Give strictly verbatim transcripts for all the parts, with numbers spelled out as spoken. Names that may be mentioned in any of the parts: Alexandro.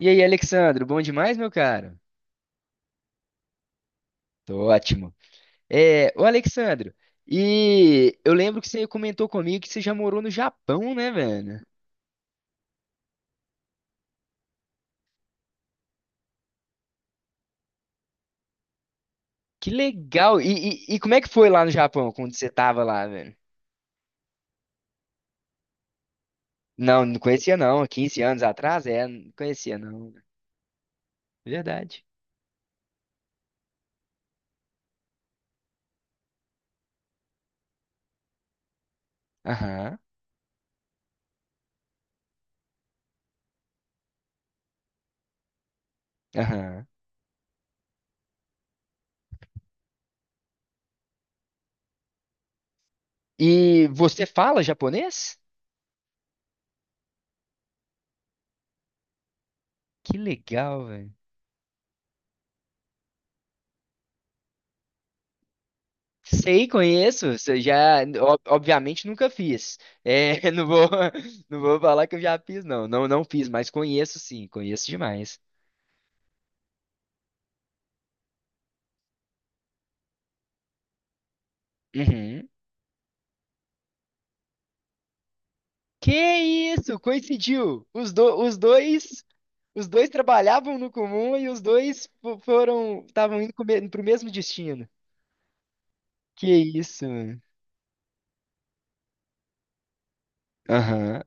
E aí, Alexandro, bom demais, meu caro? Tô ótimo. É, ô Alexandro, e eu lembro que você comentou comigo que você já morou no Japão, né, velho? Que legal! E, e- e como é que foi lá no Japão, quando você tava lá, velho? Não, não conhecia não. Quinze anos atrás, é, não conhecia não. Verdade. Aham, aham. E você fala japonês? Que legal. Sei, conheço. Se Já, ob- Obviamente, nunca fiz. É, não vou, não vou falar que eu já fiz, não. Não, não fiz, mas conheço sim, conheço demais. Uhum. Que isso? Coincidiu. Os, do, os dois, os dois trabalhavam no comum e os dois fo- foram, estavam indo para o mesmo destino. Que isso, mano? Aham,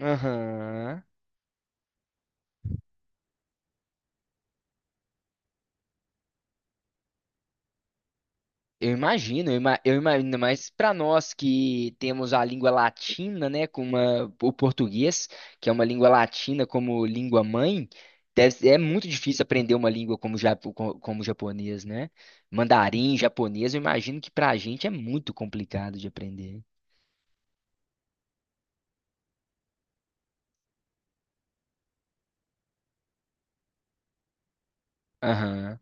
aham. Eu imagino, eu, ima- eu imagino, mas para nós que temos a língua latina, né, com uma- o português, que é uma língua latina como língua mãe, deve ser- é muito difícil aprender uma língua como, japo- co- como japonês, né? Mandarim, japonês, eu imagino que para a gente é muito complicado de aprender. Aham,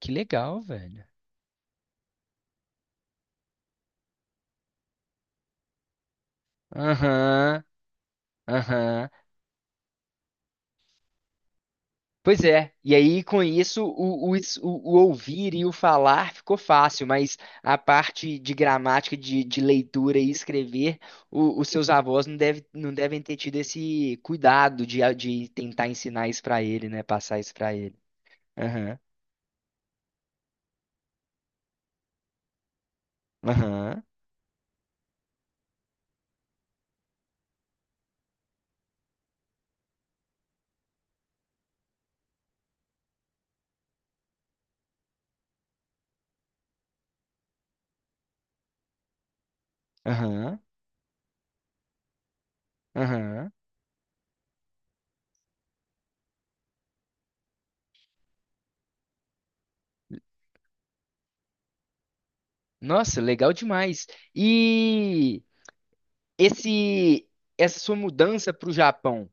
que legal, velho. Aham, aham. Pois é, e aí com isso o, o, es- o- o ouvir e o falar ficou fácil, mas a parte de gramática, de, de leitura e escrever, o- os seus avós não, deve, não devem ter tido esse cuidado de, a- de tentar ensinar isso pra ele, né? Passar isso pra ele. Aham, aham, aham, aham. Nossa, legal demais. E esse essa sua mudança para o Japão,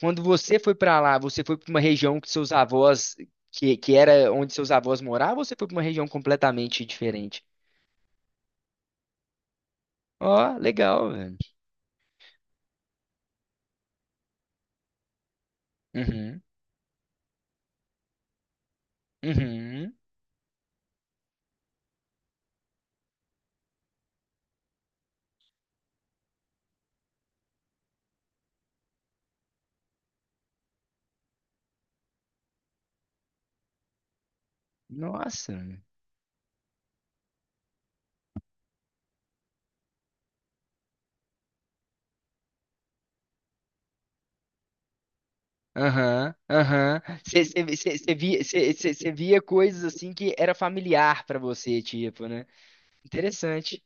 quando você foi para lá, você foi para uma região que seus avós, que, que era onde seus avós moravam, ou você foi para uma região completamente diferente? Ó, legal, velho. Uhum, uhum. Nossa. Aham, aham. Você via, cê- cê- cê via coisas assim que era familiar para você, tipo, né? Interessante.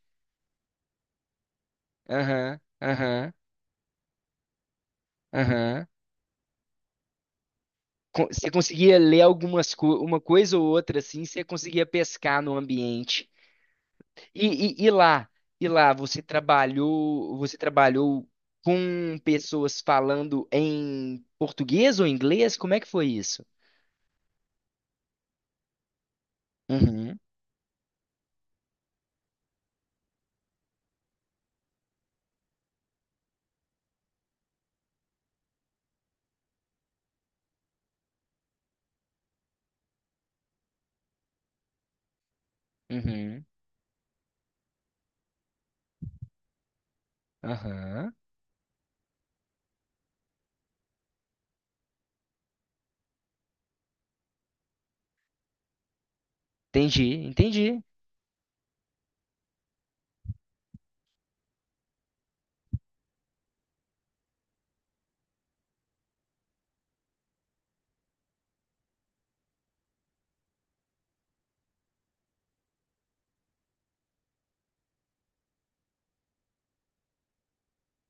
Aham, aham, aham. con- Você conseguia ler algumas co uma coisa ou outra assim, você conseguia pescar no ambiente. E, e, e lá, e lá você trabalhou, você trabalhou com pessoas falando em português ou inglês? Como é que foi isso? Uhum, uhum, aham. Entendi, entendi.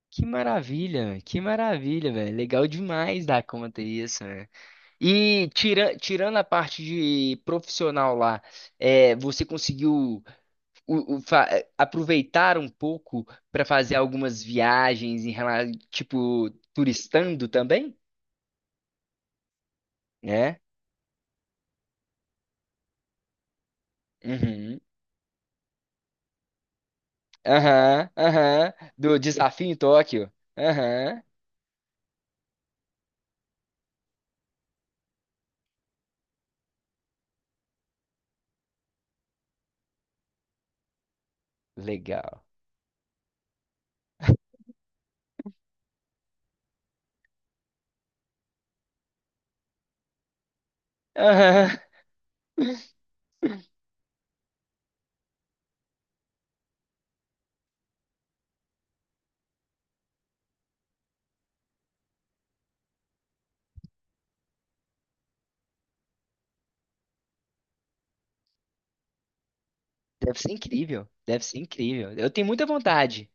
Que maravilha, que maravilha, velho. Legal demais dar conta isso, né? E tira, tirando a parte de profissional lá, é, você conseguiu o- o fa- eh, aproveitar um pouco para fazer algumas viagens em relação, tipo, turistando também, né? Uhum. Aham, aham. Do desafio em Tóquio. Aham. Legal. Aham. Deve ser incrível. Deve ser incrível. Eu tenho muita vontade.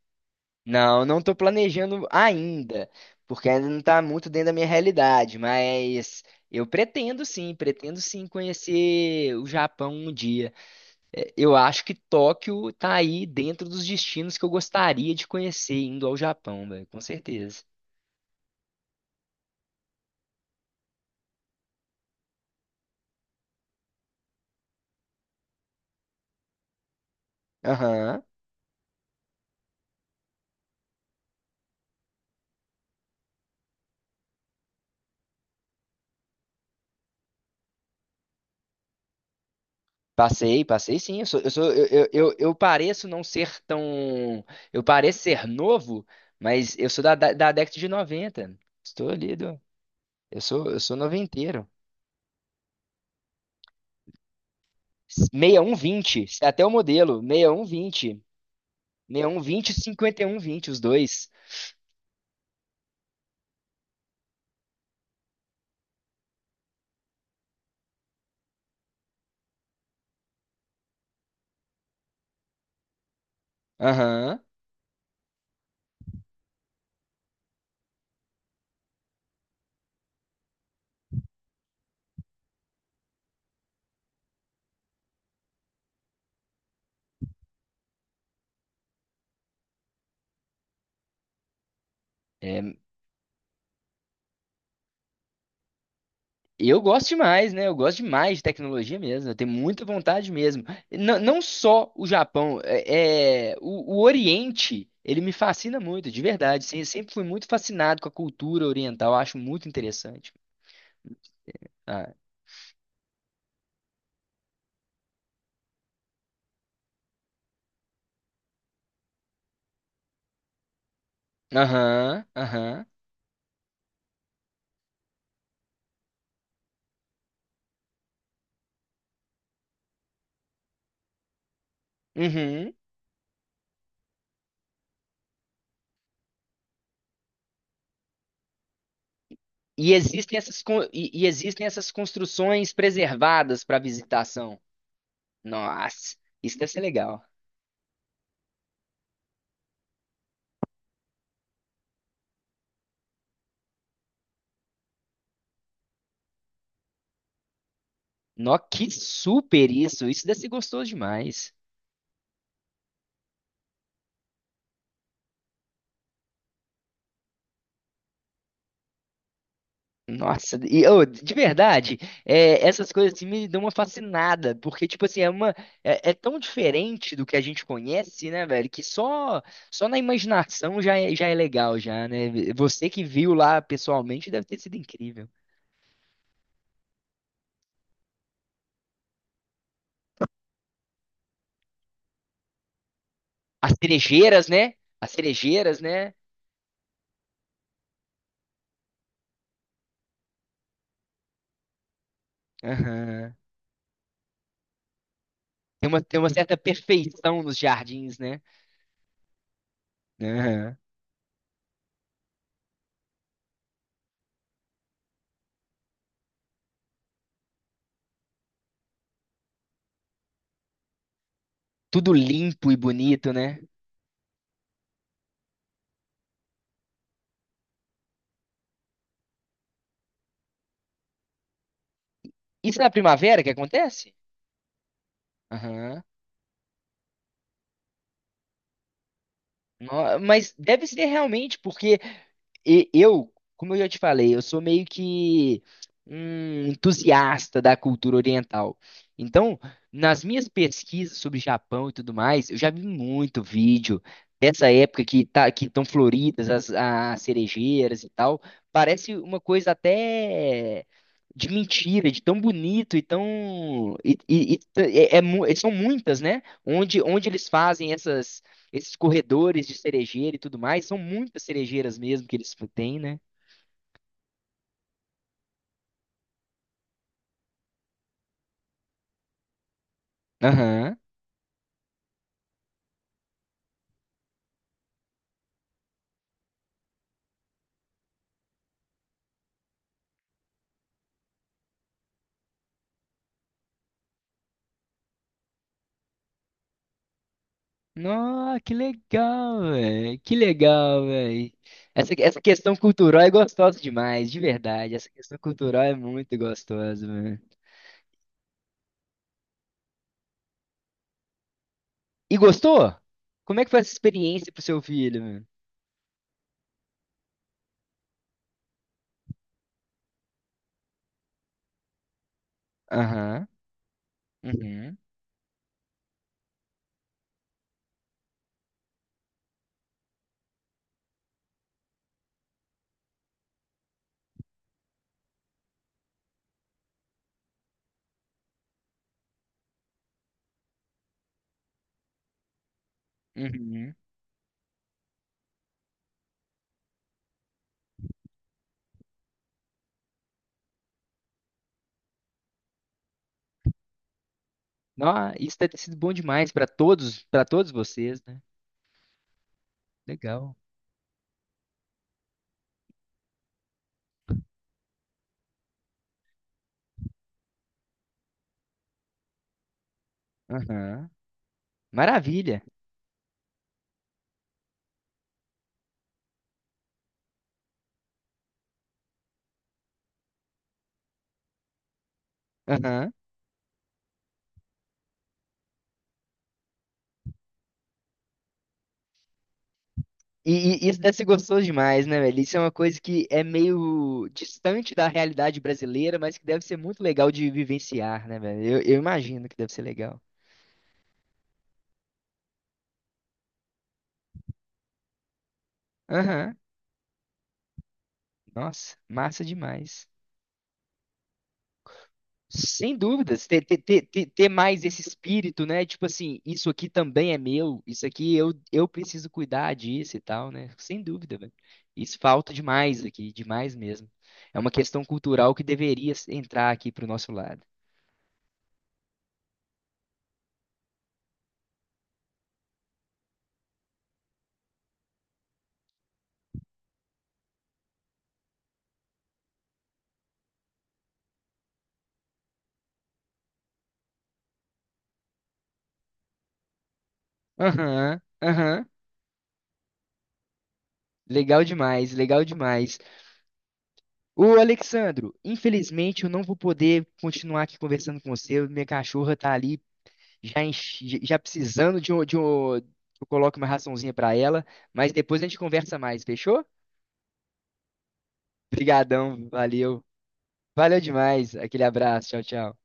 Não, não tô planejando ainda, porque ainda não tá muito dentro da minha realidade, mas eu pretendo sim, pretendo sim conhecer o Japão um dia. É, eu acho que Tóquio tá aí dentro dos destinos que eu gostaria de conhecer indo ao Japão, velho, com certeza. Aham. Passei, passei sim. Eu sou, eu sou, eu, eu, eu eu pareço não ser tão. Eu pareço ser novo, mas eu sou da, da, da década de noventa. Estou ali, do, eu sou, eu sou noventeiro. sessenta e um vinte, é até o modelo. Sessenta e um vinte, sessenta e um vinte e um vinte e cinquenta e um vinte, os dois. Aham. Eu gosto demais, né? Eu gosto demais de tecnologia mesmo. Eu tenho muita vontade mesmo. Não, não só o Japão, é, é, o, o Oriente, ele me fascina muito, de verdade. Sim, eu sempre fui muito fascinado com a cultura oriental. Eu acho muito interessante. Ah, aham, aham, uhum. E existem essas, con- e, e existem essas construções preservadas para visitação. Nossa, isso deve ser legal. Nó, que super isso! Isso deve ser gostoso demais. Nossa, e ô, de verdade, é, essas coisas assim me dão uma fascinada, porque tipo assim, é uma é, é tão diferente do que a gente conhece, né, velho, que só só na imaginação já é, já é legal já, né? Você que viu lá pessoalmente deve ter sido incrível. As cerejeiras, né? As cerejeiras, né? Aham. Tem uma tem uma certa perfeição nos jardins, né? Aham. Tudo limpo e bonito, né? Isso é na primavera que acontece? Aham. No- Mas deve ser realmente, porque e- eu, como eu já te falei, eu sou meio que um entusiasta da cultura oriental. Então, nas minhas pesquisas sobre Japão e tudo mais, eu já vi muito vídeo dessa época que tá, que estão floridas as, as cerejeiras e tal. Parece uma coisa até de mentira, de tão bonito e tão e, e- e é- é mu- são muitas, né? Onde onde eles fazem essas esses corredores de cerejeira e tudo mais, são muitas cerejeiras mesmo que eles têm, né? Aham. Nossa, que legal, velho. Que legal, velho. Essa, essa questão cultural é gostosa demais, de verdade. Essa questão cultural é muito gostosa, mano. E gostou? Como é que foi essa experiência pro seu filho, mano? Aham. Uhum. Uhum. Nó, isso deve ter sido bom demais pra todos, para todos vocês, né? Legal. Aham. Maravilha. Aham. E, e isso deve ser gostoso demais, né, velho? Isso é uma coisa que é meio distante da realidade brasileira, mas que deve ser muito legal de vivenciar, né, velho? Eu, eu imagino que deve ser legal. Aham, nossa, massa demais. Sem dúvidas, ter, ter, ter, ter ter mais esse espírito, né? Tipo assim, isso aqui também é meu, isso aqui eu, eu preciso cuidar disso e tal, né? Sem dúvida, velho. Isso falta demais aqui, demais mesmo. É uma questão cultural que deveria entrar aqui pro nosso lado. Aham, aham. Legal demais, legal demais. Ô, Alexandro, infelizmente eu não vou poder continuar aqui conversando com você. Minha cachorra tá ali já, enche- já precisando de um, de um, que eu coloque uma raçãozinha pra ela, mas depois a gente conversa mais, fechou? Obrigadão, valeu. Valeu demais. Aquele abraço, tchau, tchau.